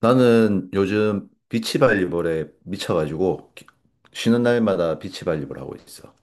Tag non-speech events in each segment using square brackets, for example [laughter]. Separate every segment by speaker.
Speaker 1: 나는 요즘 비치발리볼에 미쳐가지고 쉬는 날마다 비치발리볼 하고 있어.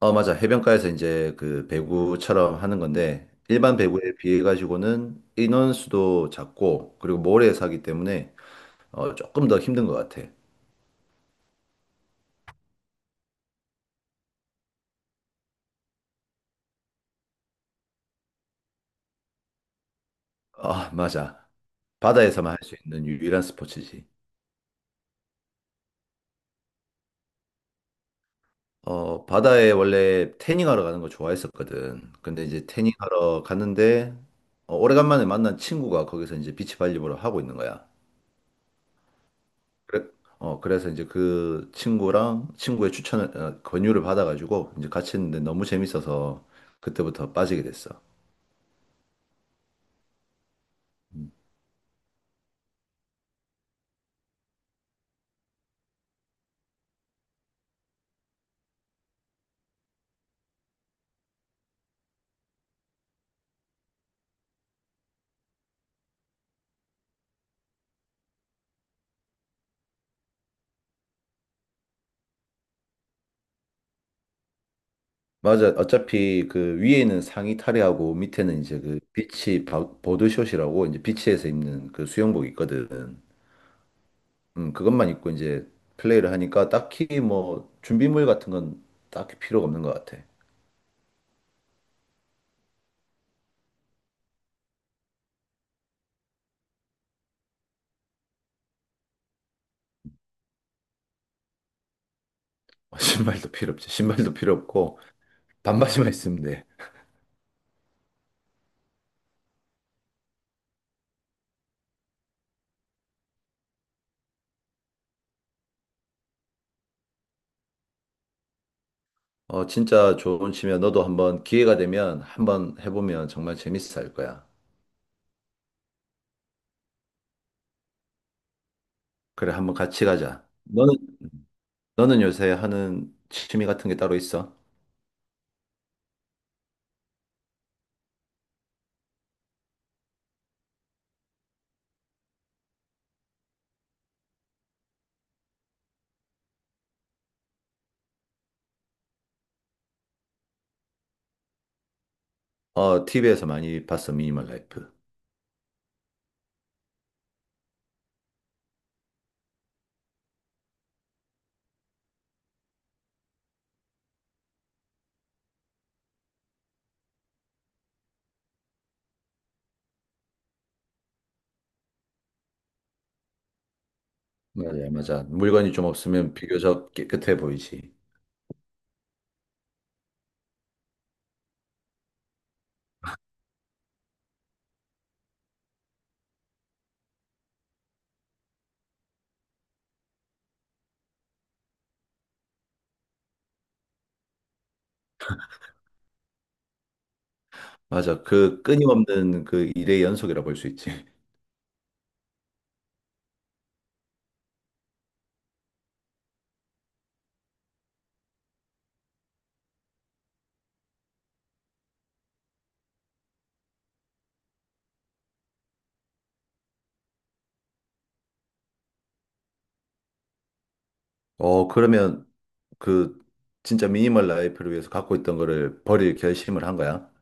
Speaker 1: 어, 맞아. 해변가에서 이제 그 배구처럼 하는 건데 일반 배구에 비해 가지고는 인원수도 작고 그리고 모래에 사기 때문에 조금 더 힘든 것 같아. 아, 맞아. 바다에서만 할 수 있는 유일한 스포츠지. 어, 바다에 원래 태닝하러 가는 거 좋아했었거든. 근데 이제 태닝하러 갔는데 오래간만에 만난 친구가 거기서 이제 비치발리볼을 하고 있는 거야. 그래, 그래서 이제 그 친구랑 친구의 추천을, 권유를 받아가지고 이제 같이 했는데 너무 재밌어서 그때부터 빠지게 됐어. 맞아. 어차피 그 위에 있는 상의 탈의하고 밑에는 이제 그 보드숏이라고 이제 비치에서 입는 그 수영복 있거든. 그것만 입고 이제 플레이를 하니까 딱히 뭐 준비물 같은 건 딱히 필요가 없는 것 같아. [laughs] 신발도 필요 없지. 신발도 필요 없고 반바지만 있으면 돼. 어, 진짜 좋은 취미야. 너도 한번 기회가 되면 한번 해보면 정말 재밌어 할 거야. 그래, 한번 같이 가자. 너는 요새 하는 취미 같은 게 따로 있어? 어, TV에서 많이 봤어, 미니멀 라이프. 맞아, 맞아. 물건이 좀 없으면 비교적 깨끗해 보이지. 맞아. 그 끊임없는 그 일의 연속이라 볼 수 있지. [laughs] 어, 그러면 그 진짜 미니멀 라이프를 위해서 갖고 있던 거를 버릴 결심을 한 거야?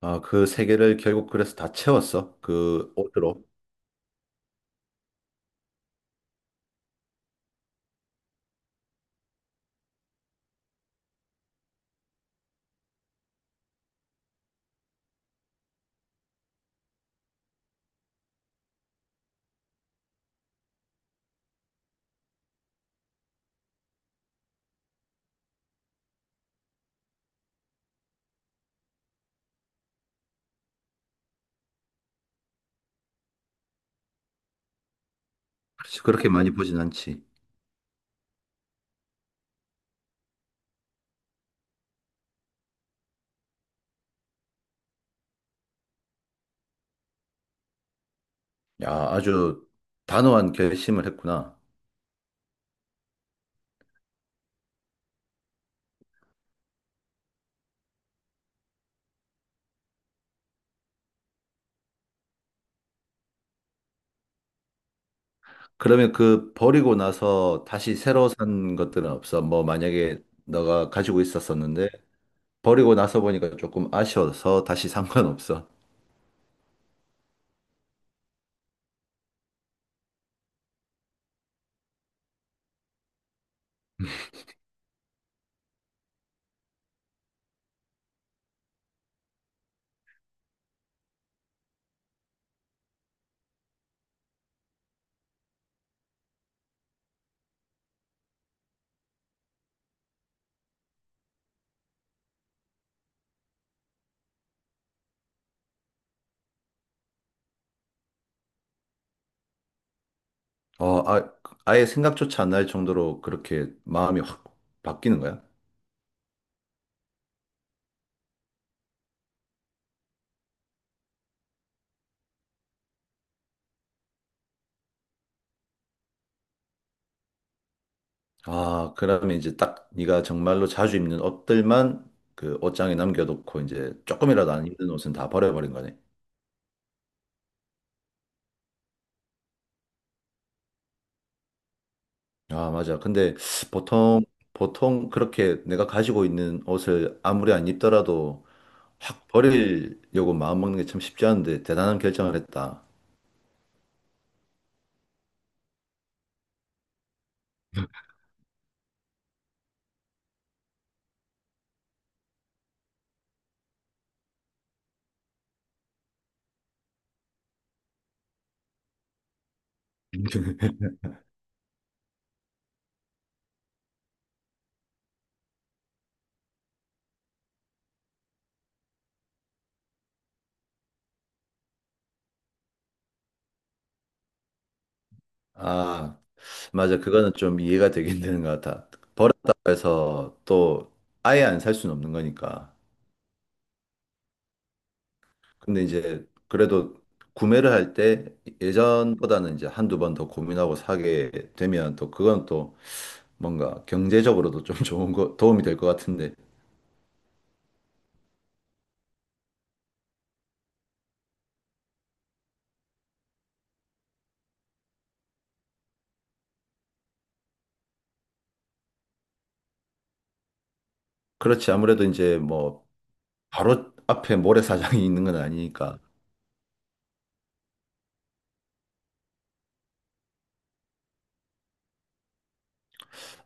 Speaker 1: 아, 그 세 개를 결국 그래서 다 채웠어? 그 옷으로. 그렇지, 그렇게 많이 보진 않지. 야, 아주 단호한 결심을 했구나. 그러면 그 버리고 나서 다시 새로 산 것들은 없어? 뭐 만약에 너가 가지고 있었었는데 버리고 나서 보니까 조금 아쉬워서 다시 산 건 없어? 어, 아, 아예 생각조차 안 날 정도로 그렇게 마음이 확 바뀌는 거야? 아, 그러면 이제 딱 네가 정말로 자주 입는 옷들만 그 옷장에 남겨놓고 이제 조금이라도 안 입는 옷은 다 버려버린 거네. 아, 맞아. 근데 보통, 보통 그렇게 내가 가지고 있는 옷을 아무리 안 입더라도 확 버리려고 마음먹는 게 참 쉽지 않은데 대단한 결정을 했다. 아, 맞아. 그거는 좀 이해가 되긴 [laughs] 되는 것 같아. 버렸다고 해서 또 아예 안 살 수는 없는 거니까. 근데 이제 그래도 구매를 할 때 예전보다는 이제 한두 번 더 고민하고 사게 되면 또 그건 또 뭔가 경제적으로도 좀 [laughs] 좋은 거, 도움이 될 것 같은데. 그렇지. 아무래도 이제 뭐 바로 앞에 모래사장이 [laughs] 있는 건 아니니까.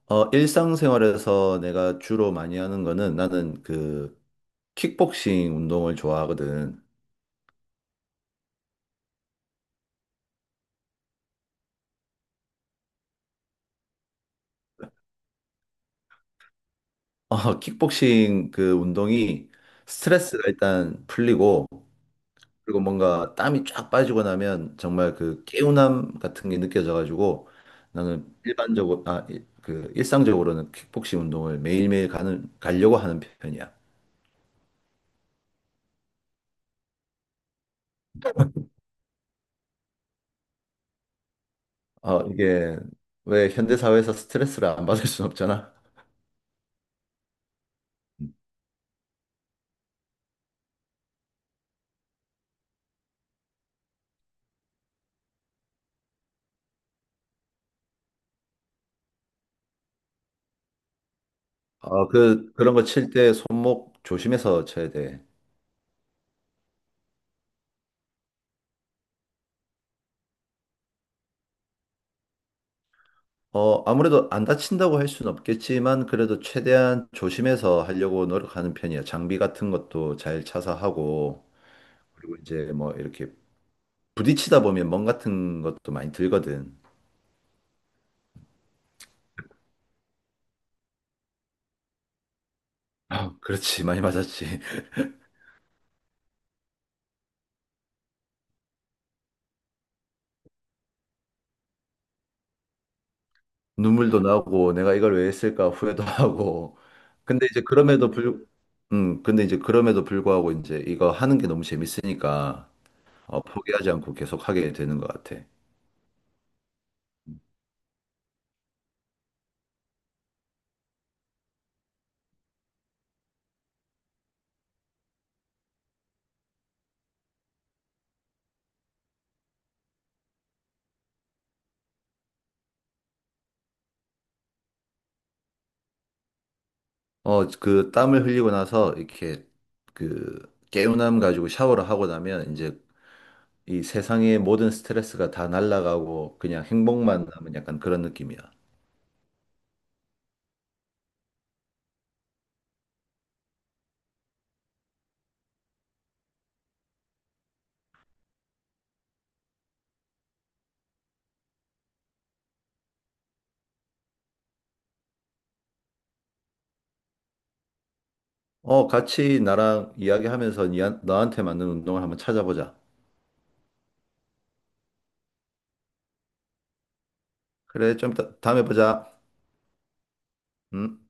Speaker 1: 어, 일상생활에서 내가 주로 많이 하는 거는 나는 그 킥복싱 운동을 좋아하거든. 어, 킥복싱 그 운동이 스트레스가 일단 풀리고 그리고 뭔가 땀이 쫙 빠지고 나면 정말 그 개운함 같은 게 느껴져가지고 나는 일반적으로 아, 그 일상적으로는 킥복싱 운동을 매일매일 가는 가려고 하는 편이야. 어, 이게 왜 현대사회에서 스트레스를 안 받을 순 없잖아. 아, 그런 거 칠 때 손목 조심해서 쳐야 돼. 어, 아무래도 안 다친다고 할 수는 없겠지만, 그래도 최대한 조심해서 하려고 노력하는 편이야. 장비 같은 것도 잘 차서 하고, 그리고 이제 뭐 이렇게 부딪히다 보면 멍 같은 것도 많이 들거든. 아, 그렇지. 많이 맞았지. [laughs] 눈물도 나고, 내가 이걸 왜 했을까 후회도 하고. 근데 이제 그럼에도 불구하고 이제 이거 하는 게 너무 재밌으니까, 어, 포기하지 않고 계속 하게 되는 것 같아. 어, 그 땀을 흘리고 나서 이렇게 그 개운함 가지고 샤워를 하고 나면 이제 이 세상의 모든 스트레스가 다 날아가고 그냥 행복만 남은 약간 그런 느낌이야. 어, 같이 나랑 이야기하면서 너한테 맞는 운동을 한번 찾아보자. 그래, 좀 이따 다음에 보자. 음.